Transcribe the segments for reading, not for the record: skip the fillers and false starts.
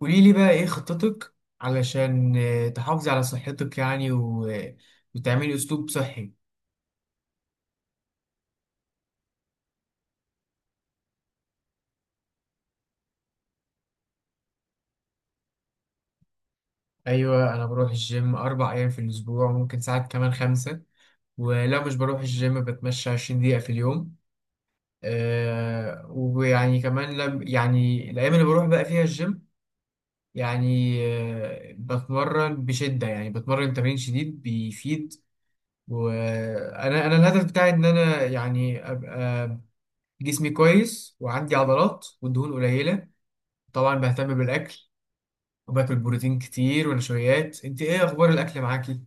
قولي لي بقى ايه خطتك، علشان تحافظي على صحتك يعني وتعملي اسلوب صحي. ايوه، انا بروح الجيم 4 ايام في الاسبوع، وممكن ساعات كمان 5. ولو مش بروح الجيم بتمشى 20 دقيقة في اليوم. ويعني كمان لم يعني الايام اللي بروح بقى فيها الجيم، يعني بتمرن بشدة، يعني بتمرن تمرين شديد بيفيد. وانا الهدف بتاعي ان انا يعني ابقى جسمي كويس وعندي عضلات والدهون قليلة. طبعا بهتم بالأكل، وباكل بروتين كتير ونشويات. انت ايه اخبار الاكل معاكي؟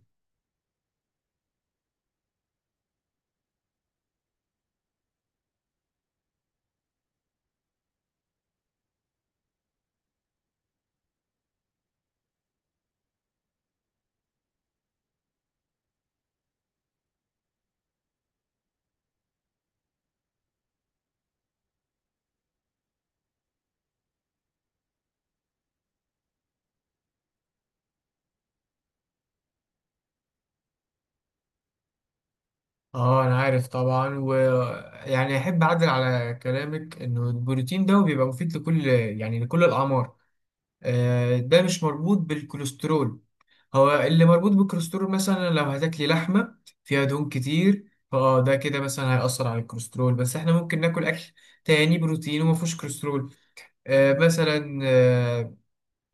اه، انا عارف طبعا، ويعني احب اعدل على كلامك، انه البروتين ده بيبقى مفيد لكل يعني لكل الاعمار. ده مش مربوط بالكوليسترول. هو اللي مربوط بالكوليسترول مثلا لو هتاكلي لحمة فيها دهون كتير، فاه ده كده مثلا هيأثر على الكوليسترول، بس احنا ممكن ناكل اكل تاني بروتين وما فيهوش كوليسترول. مثلا،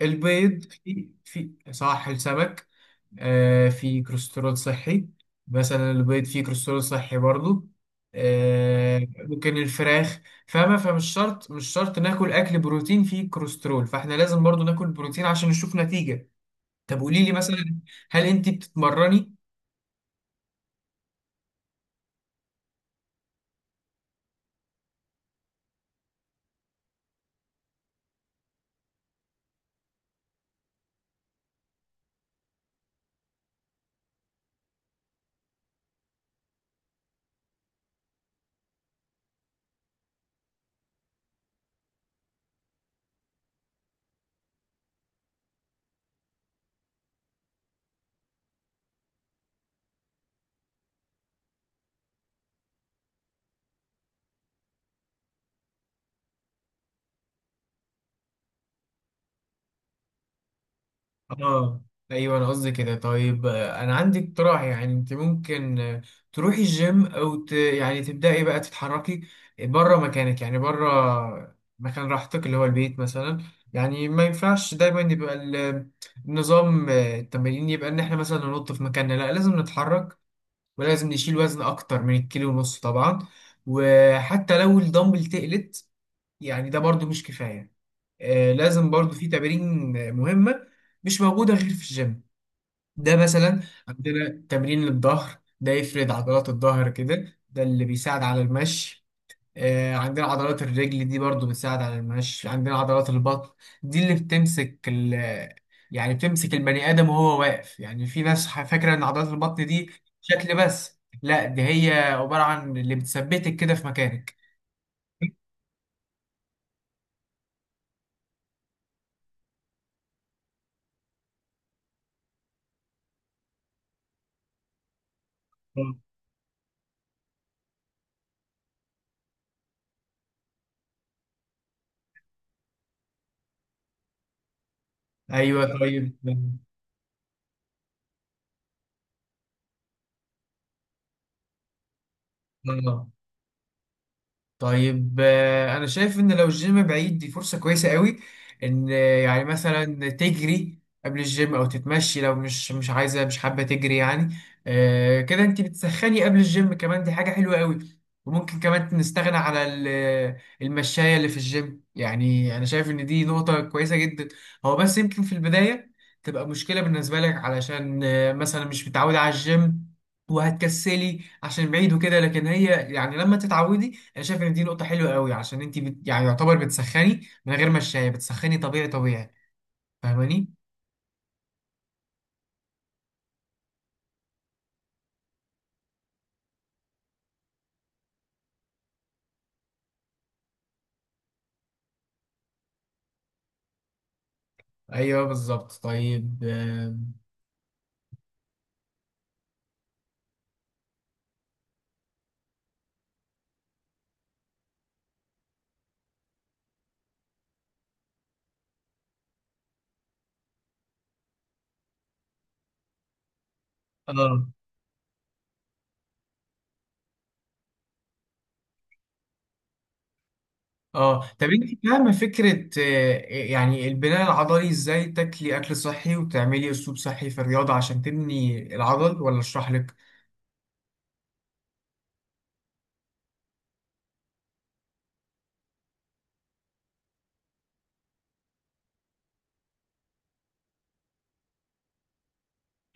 البيض في صح، السمك في كوليسترول صحي، مثلا البيض فيه كوليسترول صحي برضو، ممكن الفراخ. فاهمة؟ فمش شرط، مش شرط ناكل أكل بروتين فيه كوليسترول، فاحنا لازم برضو ناكل بروتين عشان نشوف نتيجة. طب قولي لي مثلا، هل انت بتتمرني؟ اه، ايوه انا قصدي كده. طيب، انا عندي اقتراح. يعني انت ممكن تروحي الجيم او يعني تبداي بقى تتحركي بره مكانك، يعني بره مكان راحتك اللي هو البيت مثلا. يعني ما ينفعش دايما يبقى النظام، التمرين يبقى ان احنا مثلا ننط في مكاننا. لا، لازم نتحرك، ولازم نشيل وزن اكتر من الكيلو ونص طبعا، وحتى لو الدمبل تقلت، يعني ده برضو مش كفاية. لازم برضو في تمارين مهمة مش موجودة غير في الجيم. ده مثلا عندنا تمرين للظهر، ده يفرد عضلات الظهر كده، ده اللي بيساعد على المشي. عندنا عضلات الرجل دي برضو بتساعد على المشي. عندنا عضلات البطن دي اللي بتمسك يعني بتمسك البني آدم وهو واقف. يعني في ناس فاكرة إن عضلات البطن دي شكل، بس لا، دي هي عبارة عن اللي بتثبتك كده في مكانك. مم. أيوه، طيب. آه. طيب، انا شايف ان لو الجيم بعيد دي فرصة كويسة قوي. ان يعني مثلا تجري قبل الجيم، او تتمشي لو مش عايزة، مش حابة تجري يعني. كده انت بتسخني قبل الجيم، كمان دي حاجة حلوة قوي. وممكن كمان نستغنى على المشاية اللي في الجيم. يعني انا شايف ان دي نقطة كويسة جدا. هو بس يمكن في البداية تبقى مشكلة بالنسبة لك، علشان مثلا مش متعودة على الجيم، وهتكسلي عشان بعيد وكده. لكن هي يعني لما تتعودي، انا شايف ان دي نقطه حلوه قوي، عشان انت يعني يعتبر بتسخني من غير ما الشاي. بتسخني طبيعي طبيعي. فاهماني؟ ايوه بالظبط. طيب، اه اه، طب انت فاهمه فكره يعني البناء العضلي، ازاي تاكلي اكل صحي وتعملي اسلوب صحي في الرياضه عشان تبني العضل، ولا اشرح لك؟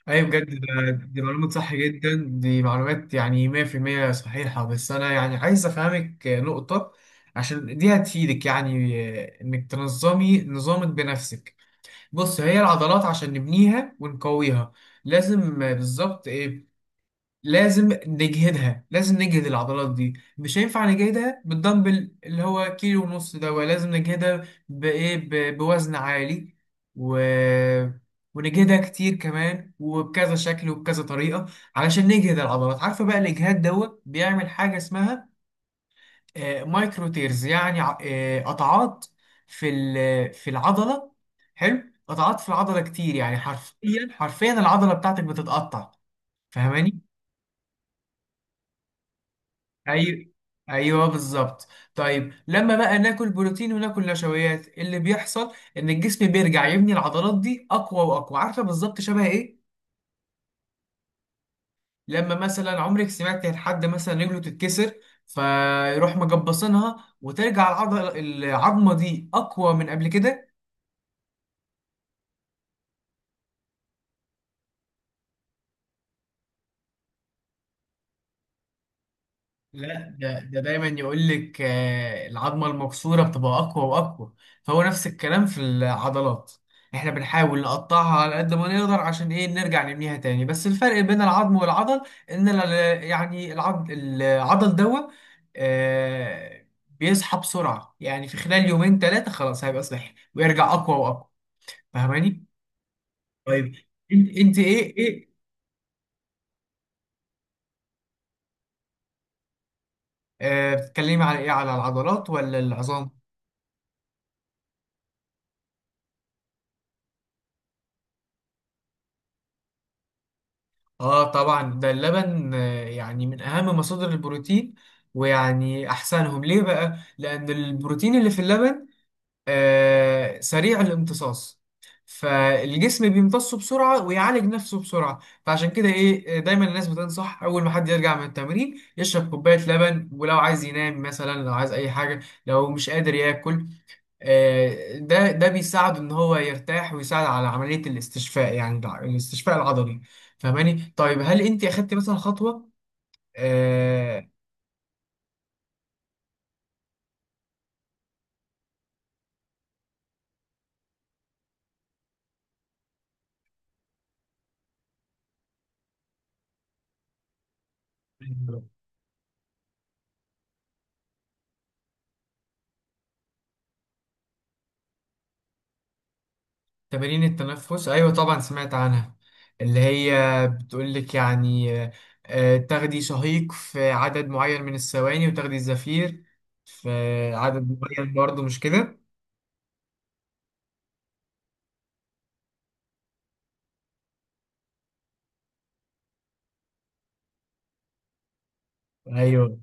ايوه بجد، دي معلومات صح جدا، دي معلومات يعني 100% صحيحة. بس انا يعني عايز افهمك نقطة، عشان دي هتفيدك يعني انك تنظمي نظامك بنفسك. بص، هي العضلات عشان نبنيها ونقويها لازم بالظبط إيه؟ لازم نجهدها، لازم نجهد العضلات دي. مش هينفع نجهدها بالدمبل اللي هو 1.5 كيلو ده، ولازم نجهدها بإيه؟ بوزن عالي، و... ونجهدها كتير كمان، وبكذا شكل وبكذا طريقة، علشان نجهد العضلات. عارفة بقى الإجهاد دوت بيعمل حاجة اسمها مايكرو تيرز، يعني قطعات في العضلة. حلو، قطعات في العضلة كتير، يعني حرفيا حرفيا العضلة بتاعتك بتتقطع. فاهماني؟ ايوه ايوه، بالظبط. طيب لما بقى ناكل بروتين وناكل نشويات، اللي بيحصل ان الجسم بيرجع يبني العضلات دي اقوى واقوى. عارفه بالظبط شبه ايه؟ لما مثلا عمرك سمعت عن حد مثلا رجله تتكسر، فيروح مجبصينها وترجع العضله، العظمه دي اقوى من قبل كده. لا، ده دايما يقول لك العظمه المكسوره بتبقى اقوى واقوى. فهو نفس الكلام في العضلات، احنا بنحاول نقطعها على قد ما نقدر عشان ايه؟ نرجع نبنيها تاني. بس الفرق بين العظم والعضل ان يعني العضل، دوا آه، بيصحى بسرعه، يعني في خلال 2 يوم 3 خلاص هيبقى صحي ويرجع اقوى واقوى. فاهماني؟ طيب، انت ايه بتتكلمي على ايه؟ على العضلات ولا العظام؟ اه طبعا، ده اللبن يعني من اهم مصادر البروتين، ويعني احسنهم ليه بقى لان البروتين اللي في اللبن سريع الامتصاص. فالجسم بيمتصه بسرعة ويعالج نفسه بسرعة. فعشان كده ايه، دايما الناس بتنصح اول ما حد يرجع من التمرين يشرب كوباية لبن. ولو عايز ينام، مثلا لو عايز اي حاجة، لو مش قادر ياكل، ده بيساعد ان هو يرتاح ويساعد على عمليه الاستشفاء، يعني الاستشفاء العضلي. فاهماني؟ طيب هل انت اخدتي مثلا خطوه آه، تمارين التنفس؟ ايوه طبعا سمعت عنها، اللي هي بتقول لك يعني تاخدي شهيق في عدد معين من الثواني وتاخدي زفير في عدد معين برضه، مش كده؟ ايوه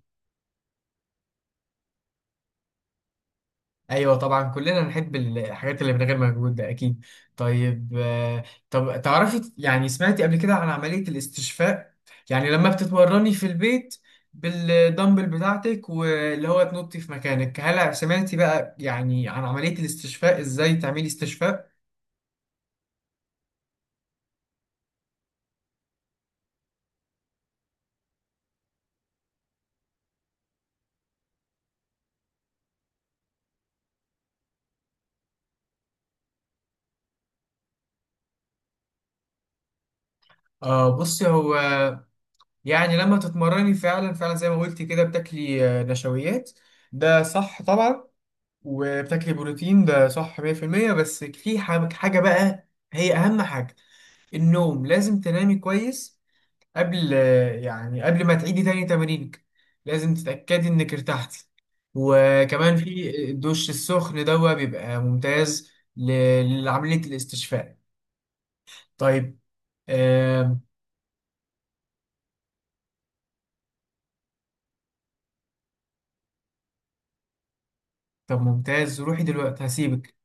ايوه. طبعا كلنا نحب الحاجات اللي من غير مجهود، ده اكيد. طيب طب تعرفي يعني، سمعتي قبل كده عن عمليه الاستشفاء؟ يعني لما بتتمرني في البيت بالدمبل بتاعتك واللي هو تنطي في مكانك، هل سمعتي بقى يعني عن عمليه الاستشفاء، ازاي تعملي استشفاء؟ بصي، هو يعني لما تتمرني فعلا فعلا زي ما قلتي كده بتاكلي نشويات، ده صح طبعا، وبتاكل بروتين، ده صح 100%. بس في حاجة بقى، هي أهم حاجة، النوم. لازم تنامي كويس قبل، يعني قبل ما تعيدي تاني تمرينك، لازم تتأكدي إنك ارتحتي. وكمان في الدش السخن، ده بيبقى ممتاز لعملية الاستشفاء. طيب آم، طب ممتاز، روحي دلوقتي، هسيبك.